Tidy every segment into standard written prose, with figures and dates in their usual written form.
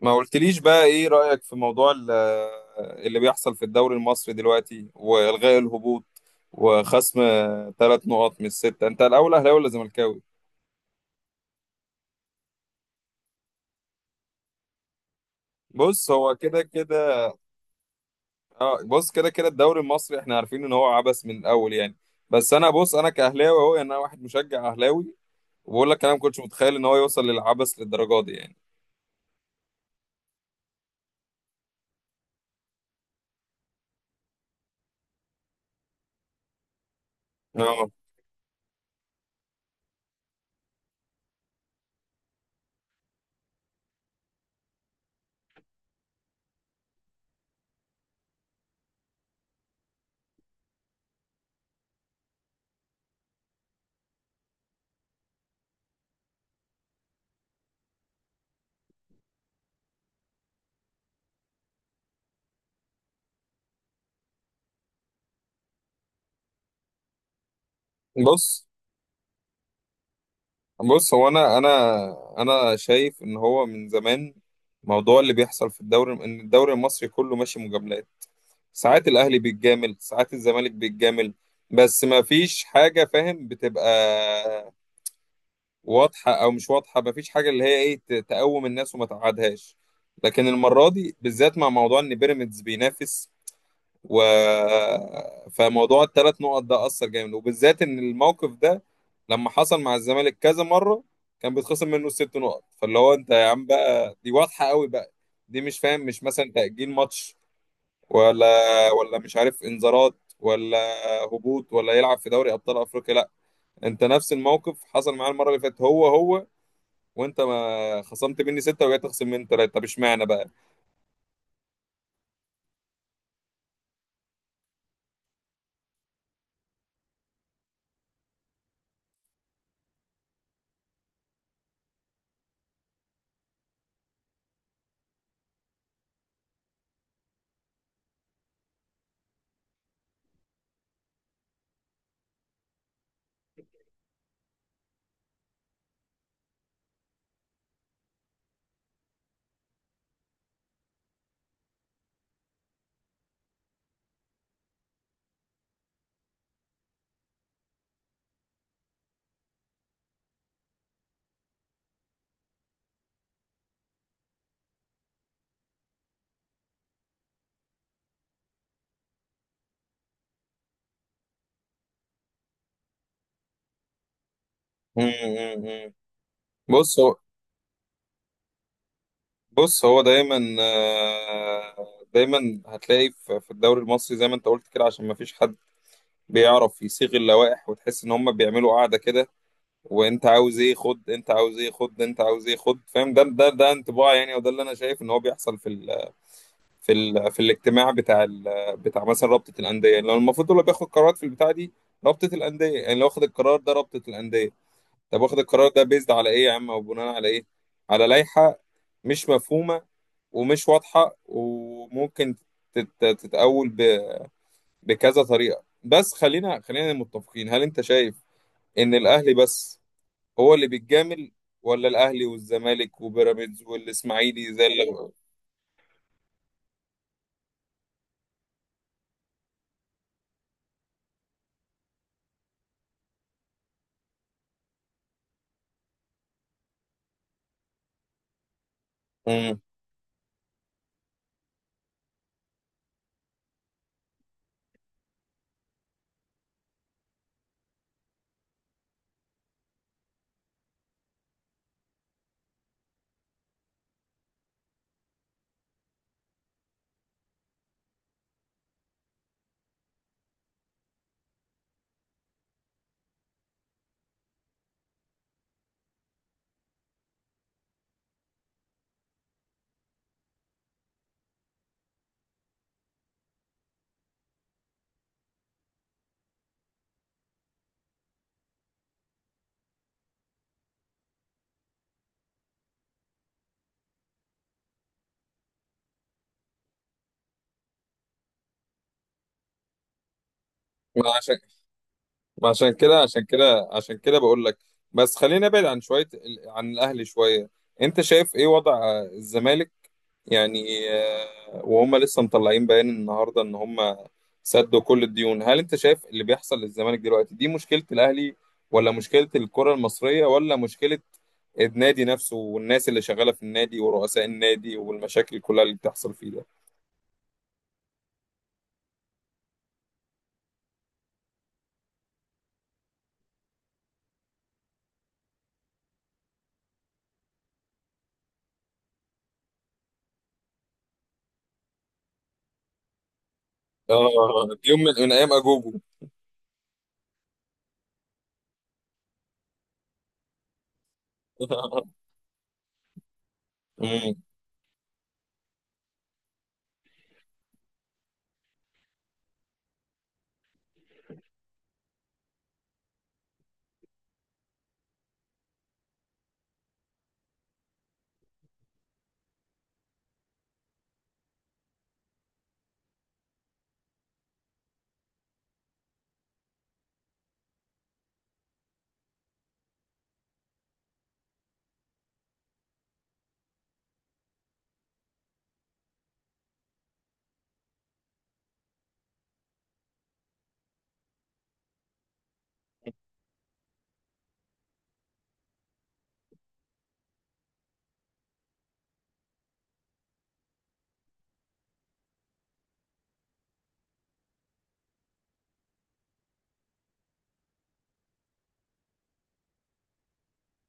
ما قلتليش بقى ايه رأيك في موضوع اللي بيحصل في الدوري المصري دلوقتي والغاء الهبوط وخصم ثلاث نقط من الستة. انت الاول اهلاوي ولا زملكاوي؟ بص، هو كده كده. اه، بص كده كده الدوري المصري، احنا عارفين ان هو عبث من الاول يعني. بس انا، بص، انا كاهلاوي اهو، يعني انا واحد مشجع اهلاوي، وبقول لك انا ما كنتش متخيل ان هو يوصل للعبث للدرجة دي يعني. اه، بص بص هو انا شايف ان هو من زمان موضوع اللي بيحصل في الدوري، ان الدوري المصري كله ماشي مجاملات. ساعات الاهلي بيتجامل، ساعات الزمالك بيتجامل، بس ما فيش حاجه، فاهم، بتبقى واضحه او مش واضحه. ما فيش حاجه اللي هي ايه تقوم الناس وما تقعدهاش. لكن المره دي بالذات، مع موضوع ان بيراميدز بينافس، و فموضوع الثلاث نقط ده أثر جامد، وبالذات إن الموقف ده لما حصل مع الزمالك كذا مرة كان بيتخصم منه الست نقط. فاللي هو أنت يا عم بقى، دي واضحة قوي بقى. دي مش فاهم، مش مثلا تأجيل ماتش ولا ولا مش عارف إنذارات، ولا هبوط، ولا يلعب في دوري أبطال أفريقيا. لا، أنت نفس الموقف حصل معاه المرة اللي فاتت، هو هو، وأنت ما خصمت مني ستة وجاي تخصم مني ثلاثة، طب اشمعنى بقى؟ مم، مم، مم. بص هو بص هو دايما، دايما هتلاقي في الدوري المصري زي ما انت قلت كده، عشان ما فيش حد بيعرف يصيغ اللوائح، وتحس ان هم بيعملوا قاعده كده. وانت عاوز ايه خد، انت عاوز ايه خد، انت عاوز ايه خد، فاهم؟ ده انطباع يعني، وده اللي انا شايف ان هو بيحصل في الاجتماع بتاع مثلا رابطه الانديه. يعني لو المفروض اللي بياخد قرارات في البتاع دي رابطه الانديه، يعني لو واخد القرار ده رابطه الانديه، طب واخد القرار ده بيزد على ايه يا عم، او بناء على ايه؟ على لائحه مش مفهومه ومش واضحة، وممكن تتأول بكذا طريقة. بس خلينا متفقين، هل انت شايف ان الاهلي بس هو اللي بيتجامل، ولا الاهلي والزمالك وبيراميدز والاسماعيلي زي اللي. مم. ما عشان ما عشان كده عشان كده عشان كده بقول لك. بس خلينا نبعد عن شوية عن الاهلي شوية. انت شايف ايه وضع الزمالك؟ يعني وهم لسه مطلعين بيان النهارده ان هم سدوا كل الديون. هل انت شايف اللي بيحصل للزمالك دلوقتي دي مشكلة الاهلي، ولا مشكلة الكرة المصرية، ولا مشكلة النادي نفسه والناس اللي شغالة في النادي ورؤساء النادي والمشاكل كلها اللي بتحصل فيه ده؟ اه، يوم من ايام اجوجو. مم.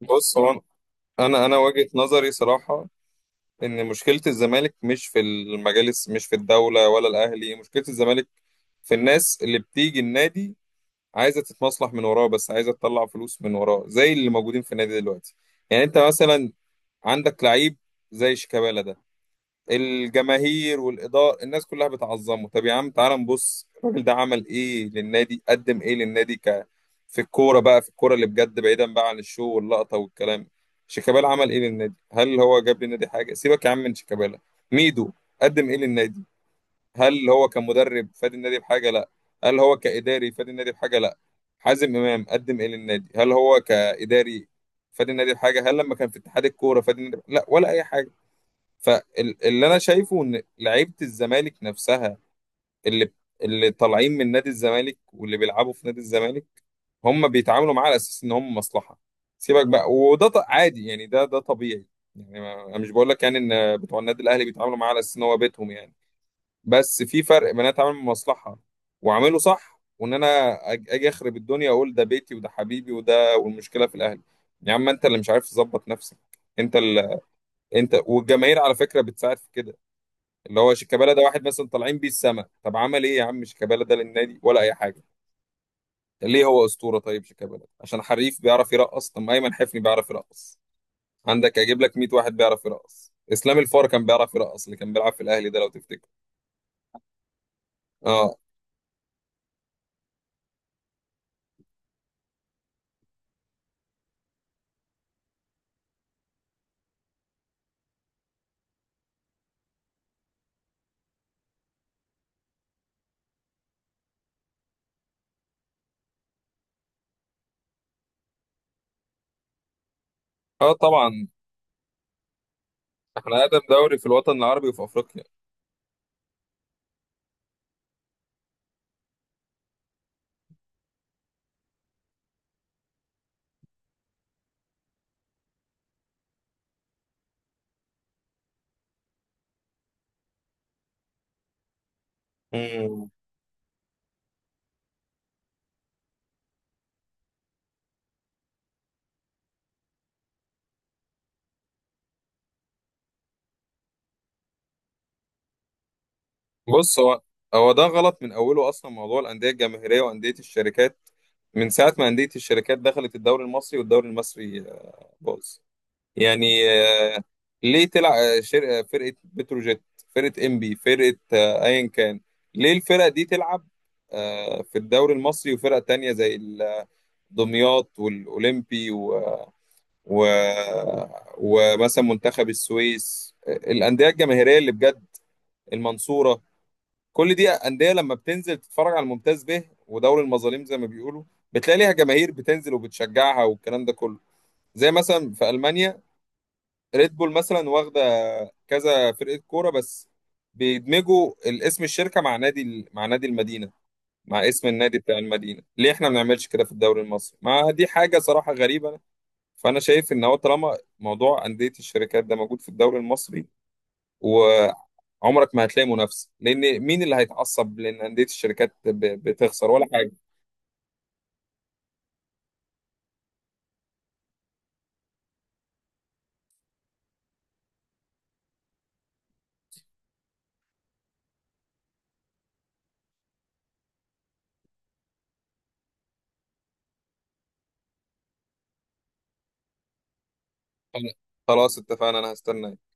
بص هو، انا وجهة نظري صراحة ان مشكلة الزمالك مش في المجالس، مش في الدولة، ولا الاهلي. مشكلة الزمالك في الناس اللي بتيجي النادي عايزه تتمصلح من وراه، بس عايزه تطلع فلوس من وراه، زي اللي موجودين في النادي دلوقتي. يعني انت مثلا عندك لعيب زي شيكابالا ده، الجماهير والاداره الناس كلها بتعظمه. طب يا عم تعال نبص الراجل ده عمل ايه للنادي، قدم ايه للنادي، في الكوره بقى، في الكوره اللي بجد، بعيدا بقى عن الشو واللقطه والكلام. شيكابالا عمل ايه للنادي؟ هل هو جاب للنادي حاجه؟ سيبك يا عم من شيكابالا. ميدو قدم ايه للنادي؟ هل هو كمدرب فادي النادي بحاجه؟ لا. هل هو كاداري فادي النادي بحاجه؟ لا. حازم امام قدم ايه للنادي؟ هل هو كاداري فادي النادي بحاجه؟ هل لما كان في اتحاد الكوره فادي النادي؟ لا، ولا اي حاجه. فاللي انا شايفه ان لعيبه الزمالك نفسها، اللي اللي طالعين من نادي الزمالك واللي بيلعبوا في نادي الزمالك، هم بيتعاملوا معاه على اساس ان هم مصلحه. سيبك بقى، وده عادي يعني، ده طبيعي. يعني انا مش بقول لك يعني ان بتوع النادي الاهلي بيتعاملوا معاه على اساس ان هو بيتهم يعني. بس في فرق بين انا اتعامل بمصلحه واعمله صح، وان انا اجي اخرب الدنيا اقول ده بيتي وده حبيبي وده، والمشكله في الاهل. يا عم انت اللي مش عارف تظبط نفسك. انت ال... انت والجماهير على فكره بتساعد في كده، اللي هو شيكابالا ده واحد مثلا طالعين بيه السما. طب عمل ايه يا عم شيكابالا ده للنادي ولا اي حاجه؟ ده ليه هو اسطوره؟ طيب شيكابالا عشان حريف بيعرف يرقص؟ طب ما ايمن حفني بيعرف يرقص. عندك اجيب لك 100 واحد بيعرف يرقص. اسلام الفار كان بيعرف يرقص، اللي كان بيلعب في الاهلي ده لو تفتكر. اه، اه طبعا، احنا اقدم دوري في الوطن العربي وفي افريقيا. مم. بص هو، هو ده غلط من اوله اصلا، موضوع الانديه الجماهيريه وانديه الشركات. من ساعه ما انديه الشركات دخلت الدوري المصري والدوري المصري باظ. يعني ليه تلعب شركه؟ فرقه بتروجيت، فرقه انبي، فرقه ايا كان، ليه الفرق دي تلعب في الدوري المصري؟ وفرق تانية زي دمياط والأولمبي و... ومثلا منتخب السويس، الأندية الجماهيرية اللي بجد، المنصوره. كل دي انديه لما بتنزل تتفرج على الممتاز به، ودوري المظالم زي ما بيقولوا، بتلاقي ليها جماهير بتنزل وبتشجعها والكلام ده كله. زي مثلا في المانيا ريد بول مثلا، واخده كذا فرقه كوره بس، بيدمجوا الاسم الشركه مع نادي مع نادي المدينه، مع اسم النادي بتاع المدينه. ليه احنا ما بنعملش كده في الدوري المصري؟ ما دي حاجه صراحه غريبه. فانا شايف ان هو طالما موضوع انديه الشركات ده موجود في الدوري المصري، عمرك ما هتلاقي منافسه، لان مين اللي هيتعصب، لان انديه الشركات بتخسر ولا حاجه. أنا- خلاص اتفقنا، انا هستناك.